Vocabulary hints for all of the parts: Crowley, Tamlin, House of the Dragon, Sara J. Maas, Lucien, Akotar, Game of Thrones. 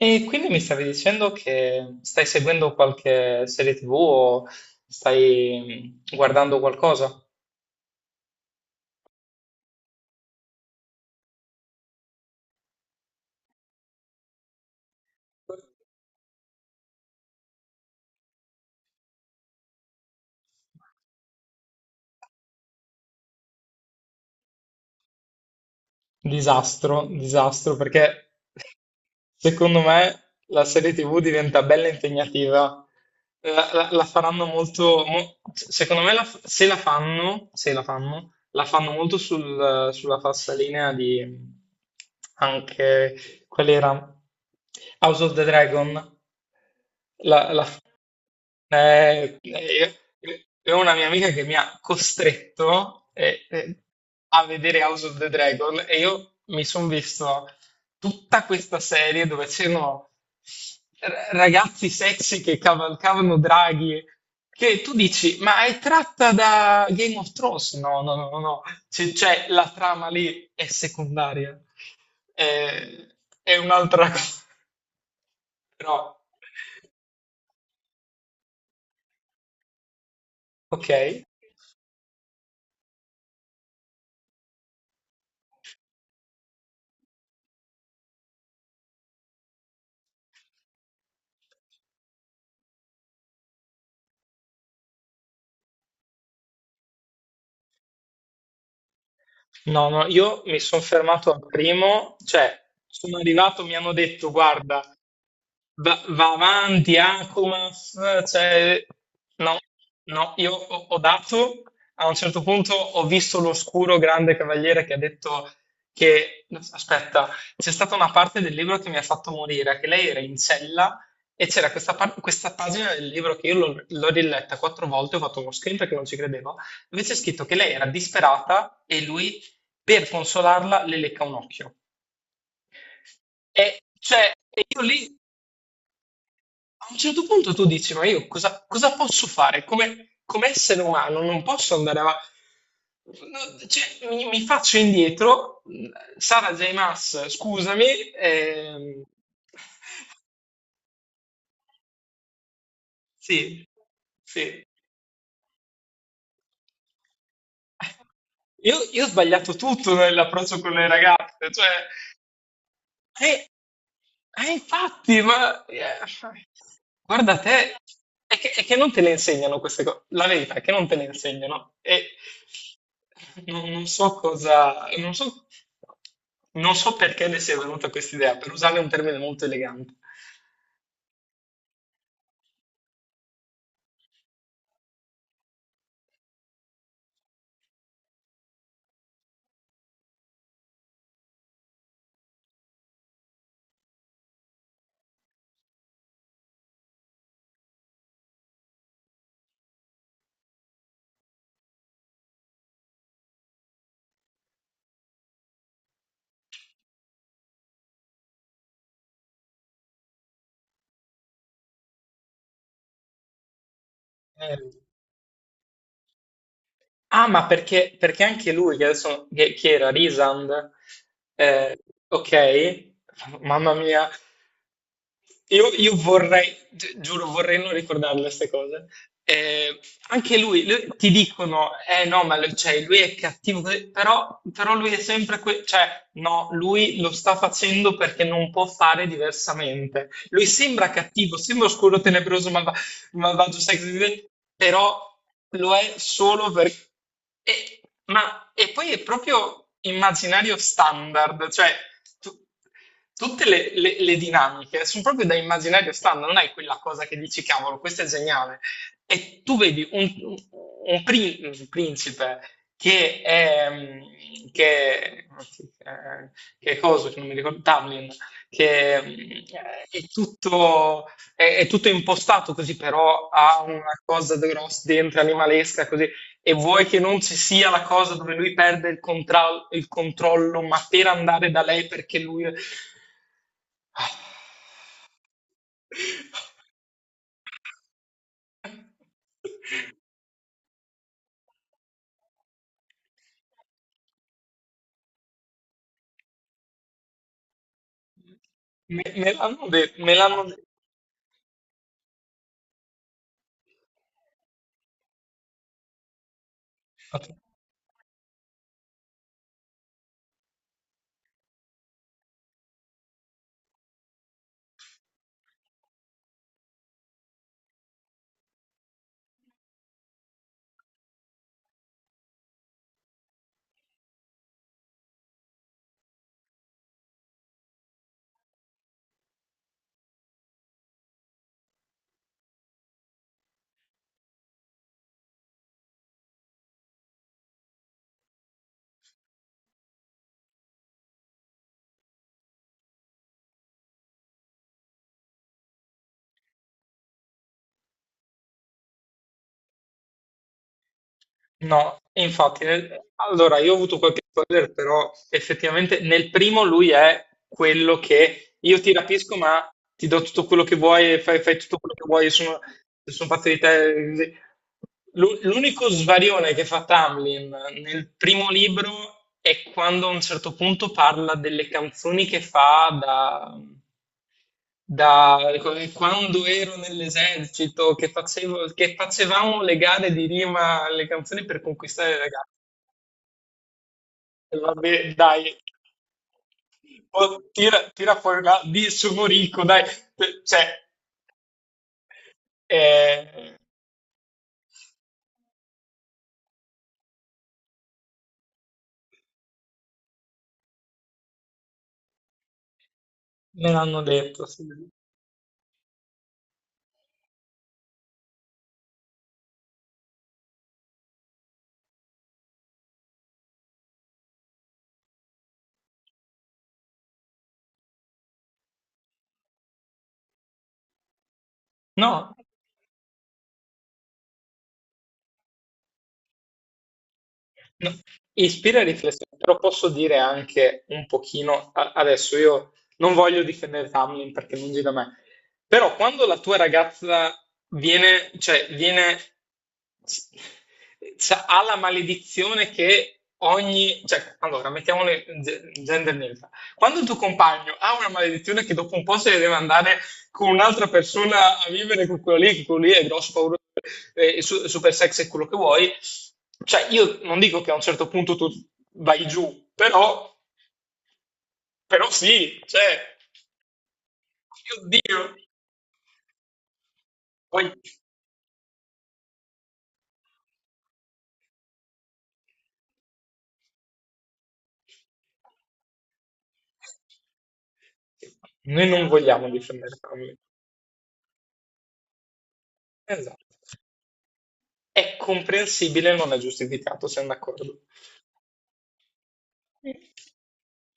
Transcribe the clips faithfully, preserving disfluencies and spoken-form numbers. E quindi mi stavi dicendo che stai seguendo qualche serie T V o stai mm, guardando qualcosa? Disastro, disastro, perché secondo me la serie T V diventa bella impegnativa. La, la- la faranno molto, mo- secondo me la f- se la fanno, se la fanno, la fanno molto sul- sulla falsariga di mm, anche qual era House of the Dragon. La, la Eh, eh, eh, eh, una mia amica che mi ha costretto eh, eh, a vedere House of the Dragon, e io mi sono visto tutta questa serie dove c'erano r- ragazzi sexy che cavalcavano draghi, che tu dici, ma è tratta da Game of Thrones? No, no, no, no, no. C- cioè la trama lì è secondaria, Eh, è un'altra cosa, però ok. No, no, io mi sono fermato al primo, cioè sono arrivato, mi hanno detto, guarda, Va, va avanti, Akumas. Cioè, no, no, io ho, ho dato, a un certo punto ho visto l'oscuro grande cavaliere che ha detto che, aspetta, c'è stata una parte del libro che mi ha fatto morire, che lei era in cella, e c'era questa, par- questa pagina del libro che io l'ho l'ho riletta quattro volte, ho fatto uno screen perché non ci credevo, dove c'è scritto che lei era disperata e lui, per consolarla, le lecca un occhio. E, cioè, e io lì a un certo punto tu dici, ma io cosa, cosa posso fare? Come, come essere umano non posso andare avanti. No, cioè, mi, mi faccio indietro, Sara J. Maas, scusami. ehm, sì, sì. Io, io ho sbagliato tutto nell'approccio con le ragazze, cioè. Eh, eh, infatti, ma eh, guarda te, è che, è che non te le insegnano queste cose. La verità è che non te le insegnano. E non, non so cosa, non so, non so perché ne sia venuta questa idea, per usare un termine molto elegante. Eh, Ah, ma perché, perché anche lui, che adesso, che chi era Risand, eh, ok, mamma mia, io, io vorrei, gi- giuro, vorrei non ricordarle queste cose. Eh, anche lui, lui- ti dicono, eh no, ma lui, cioè, lui è cattivo, così, però, però lui è sempre, que- cioè, no, lui lo sta facendo perché non può fare diversamente. Lui sembra cattivo, sembra oscuro, tenebroso, malvagio sex appeal, però lo è solo per... E, ma, e poi è proprio immaginario standard. Cioè, tu- tutte le, le- le dinamiche sono proprio da immaginario standard, non è quella cosa che dici, cavolo, questo è geniale. E tu vedi un, un prin- un principe che è mm, Che, che, che cosa, che non mi ricordo, Tamlin, che mm, è tutto, è, è tutto impostato così, però ha una cosa grossa dentro, animalesca, così. E vuoi che non ci sia la cosa dove lui perde il, contra- il controllo, ma per andare da lei perché lui. Me, me l'hanno detto, me l'hanno detto. No, e infatti, nel- allora io ho avuto qualche spoiler, però effettivamente nel primo lui è quello che io ti rapisco, ma ti do tutto quello che vuoi e fai, fai tutto quello che vuoi, sono sono fatte di te. Sì. L'u- L'unico svarione che fa Tamlin nel primo libro è quando a un certo punto parla delle canzoni che fa da, da come quando ero nell'esercito, che, facevo, che facevamo le gare di rima alle canzoni per conquistare le ragazze. E vabbè, dai, oh, tira, tira fuori la di sono ricco, dai, cioè, eh, me l'hanno detto. Sì. No, no, ispira riflessione, però posso dire anche un pochino, a- adesso io non voglio difendere Tamlin perché è lungi da me, però quando la tua ragazza viene, cioè, viene, s- sa- ha la maledizione che ogni, cioè, allora, mettiamole ge- gender neutral, quando il tuo compagno ha una maledizione che dopo un po' se ne deve andare con un'altra persona a vivere con quello lì, che quello lì è grosso, pauroso, eh, su- super sexy e quello che vuoi. Cioè, io non dico che a un certo punto tu vai giù, però, però sì, cioè, oddio, poi noi non vogliamo difendere Crowley. Esatto. È comprensibile, non è giustificato, siamo d'accordo. Mm.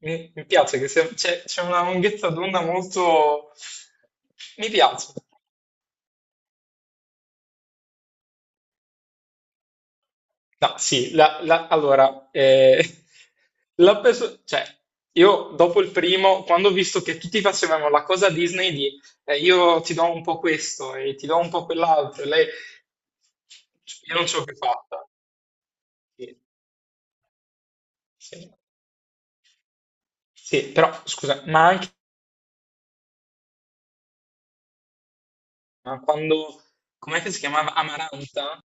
Mi, mi piace che sia- c'è c'è una lunghezza d'onda molto. Mi piace. No, sì, la- la- allora, eh, la perso- cioè, io dopo il primo, quando ho visto che tutti facevano la cosa Disney di eh, io ti do un po' questo e ti do un po' quell'altro, e lei, cioè, io non ce l'ho più fatta. Sì, sì. Sì, però scusa, ma anche, ma quando, com'è che si chiamava Amaranta?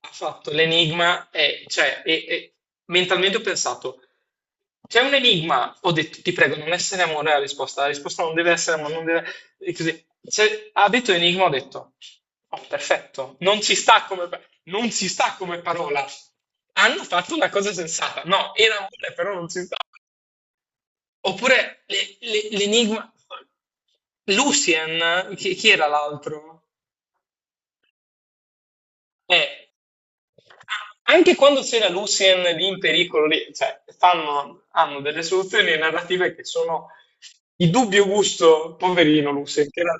Ha fatto l'enigma e, cioè, e- e mentalmente ho pensato, c'è un enigma, ho detto, ti prego, non essere amore la risposta, la risposta non deve essere amore, non deve. E così, C'è- ha detto enigma, ho detto, oh, perfetto, non ci sta come, pa- non ci sta come parola. Hanno fatto una cosa sensata, no, era amore, però non ci sta. Oppure le- le- l'enigma, Lucien, chi, chi era l'altro? Eh, anche quando c'era Lucien lì in pericolo, lì, cioè, fanno, hanno delle soluzioni narrative che sono di dubbio gusto, poverino Lucien, che era,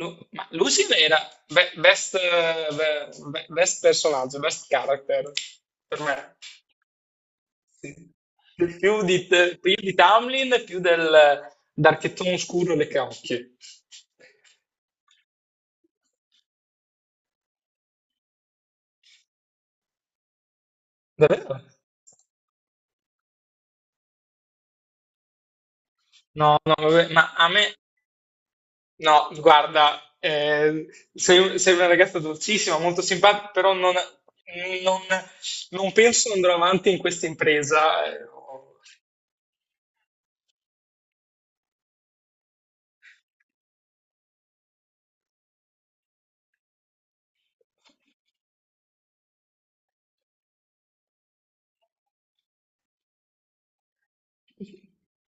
Lu- ma Lucien era be- best, eh, be- be- best personaggio, best character, per me. Sì. Più di, più di Tamlin, più del d'Archettone Oscuro e le Caocchie. Davvero? No, no, vabbè, ma a me, no, guarda, eh, sei, sei una ragazza dolcissima, molto simpatica, però non, non- non penso andrò avanti in questa impresa. eh, ho-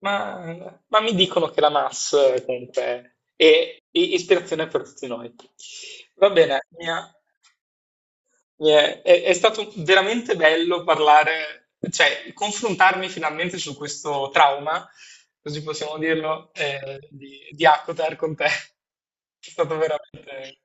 Ma, ma mi dicono che la MAS eh, comunque è, è ispirazione per tutti noi. Va bene, mia. Eh, È, è stato veramente bello parlare, cioè confrontarmi finalmente su questo trauma, così possiamo dirlo, eh, di, di Akotar con te. È stato veramente.